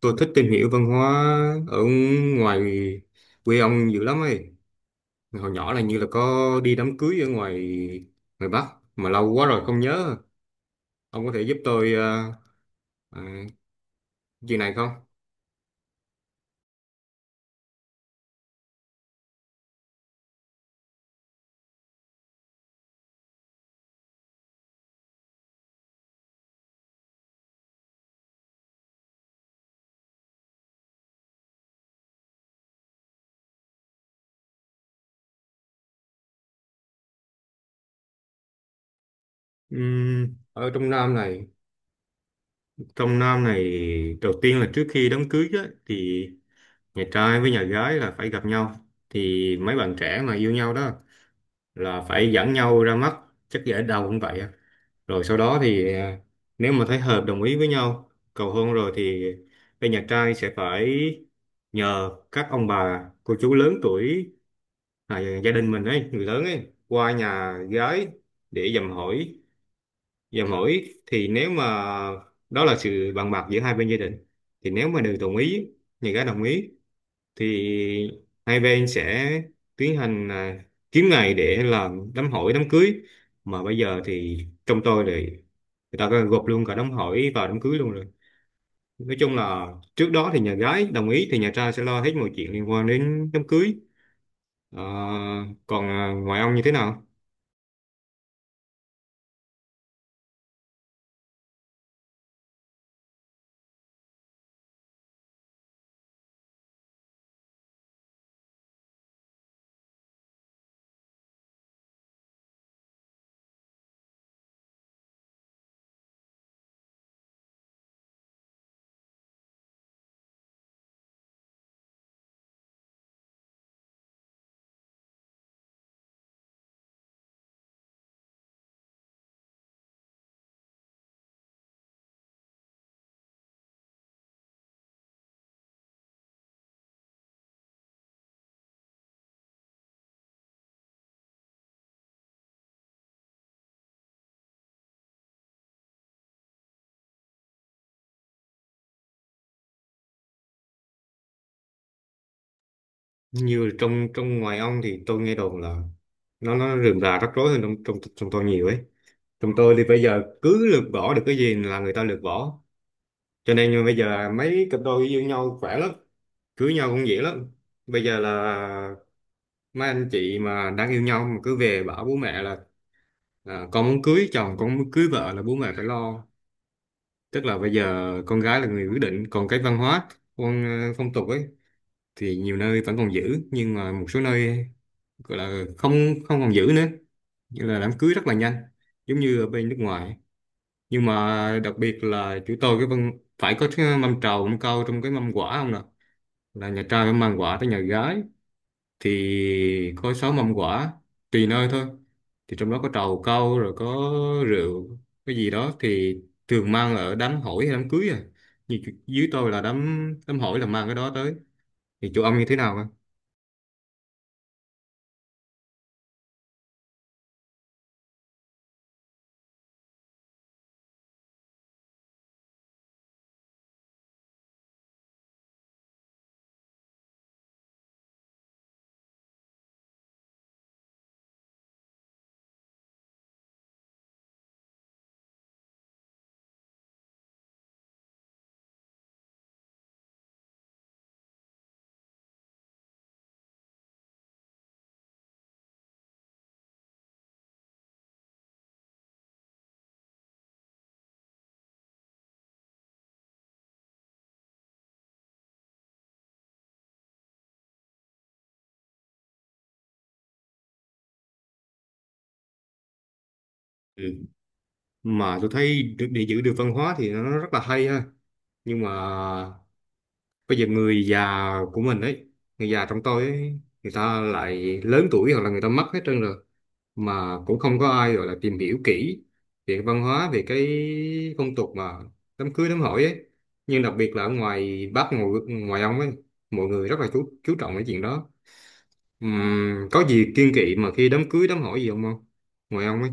Tôi thích tìm hiểu văn hóa ở ngoài quê ông dữ lắm ấy. Hồi nhỏ là như là có đi đám cưới ở ngoài ngoài Bắc mà lâu quá rồi không nhớ. Ông có thể giúp tôi ờ, chuyện này không? Ở trong Nam này đầu tiên là trước khi đám cưới á, thì nhà trai với nhà gái là phải gặp nhau, thì mấy bạn trẻ mà yêu nhau đó là phải dẫn nhau ra mắt, chắc dễ đầu cũng vậy. Rồi sau đó thì nếu mà thấy hợp đồng ý với nhau cầu hôn rồi thì bên nhà trai sẽ phải nhờ các ông bà cô chú lớn tuổi, gia đình mình ấy, người lớn ấy, qua nhà gái để dầm hỏi. Dầm hỏi thì nếu mà đó là sự bàn bạc giữa hai bên gia đình, thì nếu mà đều đồng ý, nhà gái đồng ý, thì hai bên sẽ tiến hành kiếm ngày để làm đám hỏi đám cưới. Mà bây giờ thì trong tôi thì người ta gộp luôn cả đám hỏi và đám cưới luôn rồi. Nói chung là trước đó thì nhà gái đồng ý thì nhà trai sẽ lo hết mọi chuyện liên quan đến đám cưới. Ờ, còn ngoài ông như thế nào? Như trong trong ngoài ông thì tôi nghe đồn là nó rườm rà rắc rối hơn trong trong trong tôi nhiều ấy. Trong tôi thì bây giờ cứ lược bỏ được cái gì là người ta lược bỏ, cho nên như bây giờ là mấy cặp đôi yêu nhau khỏe lắm, cưới nhau cũng dễ lắm. Bây giờ là mấy anh chị mà đang yêu nhau mà cứ về bảo bố mẹ là con muốn cưới chồng, con muốn cưới vợ là bố mẹ phải lo. Tức là bây giờ con gái là người quyết định. Còn cái văn hóa, con phong tục ấy, thì nhiều nơi vẫn còn giữ nhưng mà một số nơi gọi là không, không còn giữ nữa, như là đám cưới rất là nhanh giống như ở bên nước ngoài. Nhưng mà đặc biệt là chúng tôi cái văn phải có cái mâm trầu mâm cau trong cái mâm quả không nè, là nhà trai phải mang quả tới nhà gái, thì có sáu mâm quả, tùy nơi thôi. Thì trong đó có trầu cau, rồi có rượu cái gì đó thì thường mang ở đám hỏi hay đám cưới à? Như dưới tôi là đám đám hỏi là mang cái đó tới, thì chỗ ông như thế nào không? Ừ. Mà tôi thấy để giữ được văn hóa thì nó rất là hay ha, nhưng mà bây giờ người già của mình ấy, người già trong tôi ấy, người ta lại lớn tuổi hoặc là người ta mất hết trơn rồi, mà cũng không có ai gọi là tìm hiểu kỹ về cái văn hóa, về cái phong tục mà đám cưới đám hỏi ấy. Nhưng đặc biệt là ở ngoài Bắc ngoài, ngoài ông ấy, mọi người rất là chú trọng cái chuyện đó. Có gì kiêng kỵ mà khi đám cưới đám hỏi gì không, không ngoài ông ấy?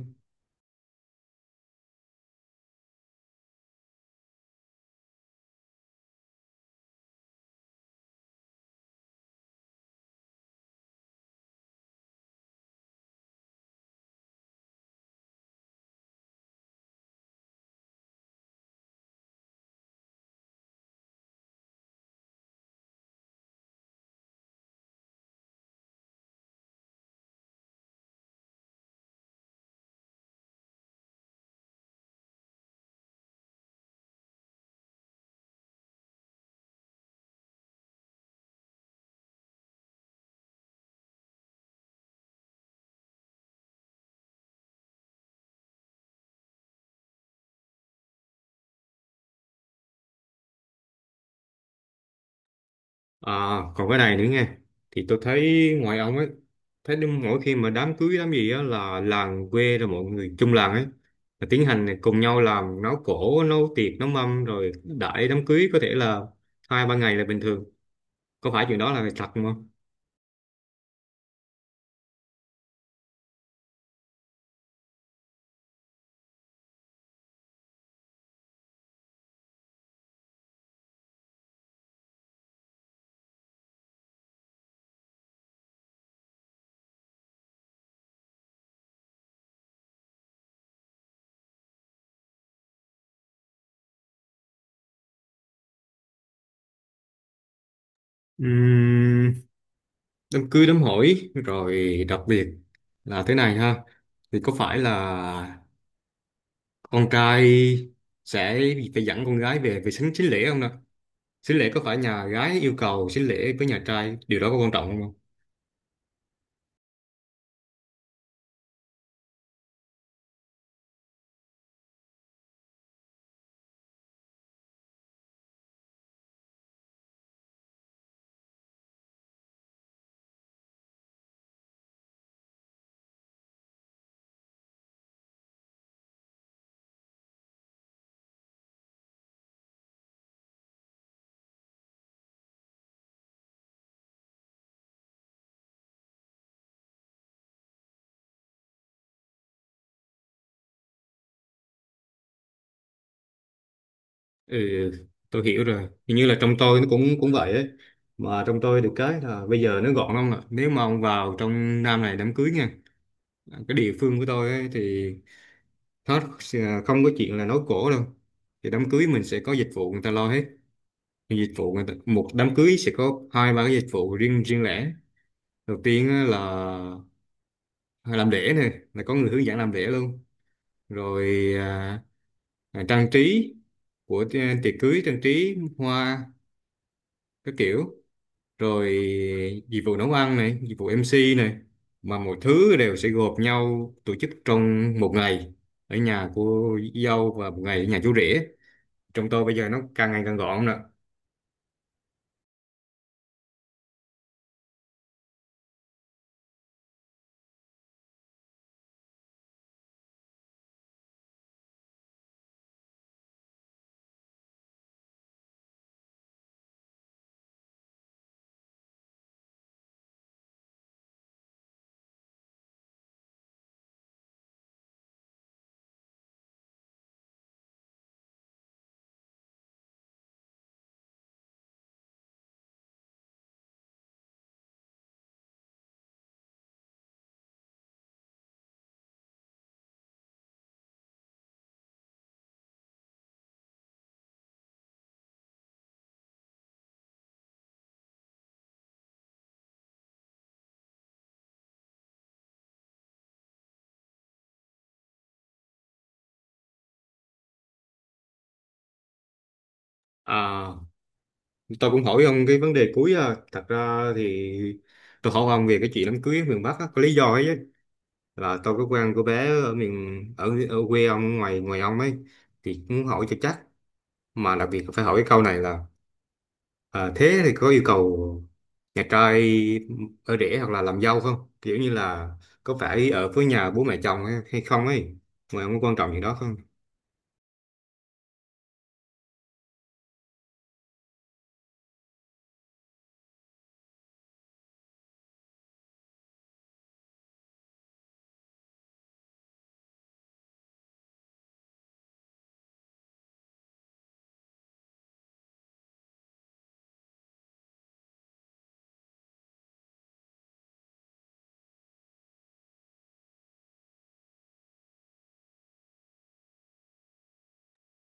À, còn cái này nữa nghe, thì tôi thấy ngoài ông ấy, thấy đúng mỗi khi mà đám cưới đám gì á là làng quê rồi mọi người chung làng ấy là tiến hành cùng nhau làm nấu cỗ nấu tiệc nấu mâm rồi đãi đám cưới có thể là hai ba ngày là bình thường, có phải chuyện đó là thật không? Ừm, Đám cưới đám hỏi rồi đặc biệt là thế này ha, thì có phải là con trai sẽ phải dẫn con gái về về sính sính lễ không nè? Xính lễ có phải nhà gái yêu cầu xính lễ với nhà trai, điều đó có quan trọng không? Ừ, tôi hiểu rồi. Hình như là trong tôi nó cũng cũng vậy ấy. Mà trong tôi được cái là bây giờ nó gọn lắm ạ. Nếu mà ông vào trong Nam này đám cưới nha, cái địa phương của tôi ấy, thì nó sẽ không có chuyện là nói cổ đâu. Thì đám cưới mình sẽ có dịch vụ người ta lo hết. Thì dịch vụ người ta, một đám cưới sẽ có hai ba cái dịch vụ riêng, riêng lẻ. Đầu tiên á là làm lễ này, là có người hướng dẫn làm lễ luôn. Rồi trang trí của tiệc cưới, trang trí hoa các kiểu, rồi dịch vụ nấu ăn này, dịch vụ MC này, mà mọi thứ đều sẽ gộp nhau tổ chức trong một ngày ở nhà cô dâu và một ngày ở nhà chú rể. Trong tôi bây giờ nó càng ngày càng gọn nữa. À, tôi cũng hỏi ông cái vấn đề cuối à. Thật ra thì tôi hỏi ông về cái chuyện đám cưới ở miền Bắc á, có lý do ấy chứ. Là tôi có quen cô bé ở ở quê ông, ngoài ngoài ông ấy, thì muốn hỏi cho chắc. Mà đặc biệt phải hỏi cái câu này là ờ, thế thì có yêu cầu nhà trai ở rể hoặc là làm dâu không, kiểu như là có phải ở với nhà bố mẹ chồng hay hay không ấy, mà không có quan trọng gì đó không?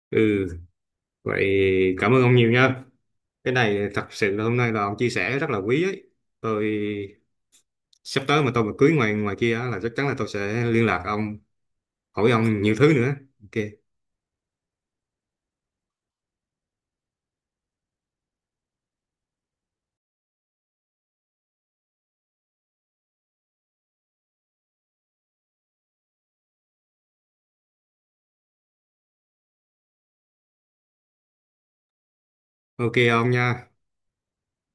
Ừ. Vậy cảm ơn ông nhiều nha. Cái này thật sự là hôm nay là ông chia sẻ rất là quý ấy. Tôi sắp tới mà tôi mà cưới ngoài ngoài kia á là chắc chắn là tôi sẽ liên lạc ông, hỏi ông nhiều thứ nữa. OK. OK ông nha.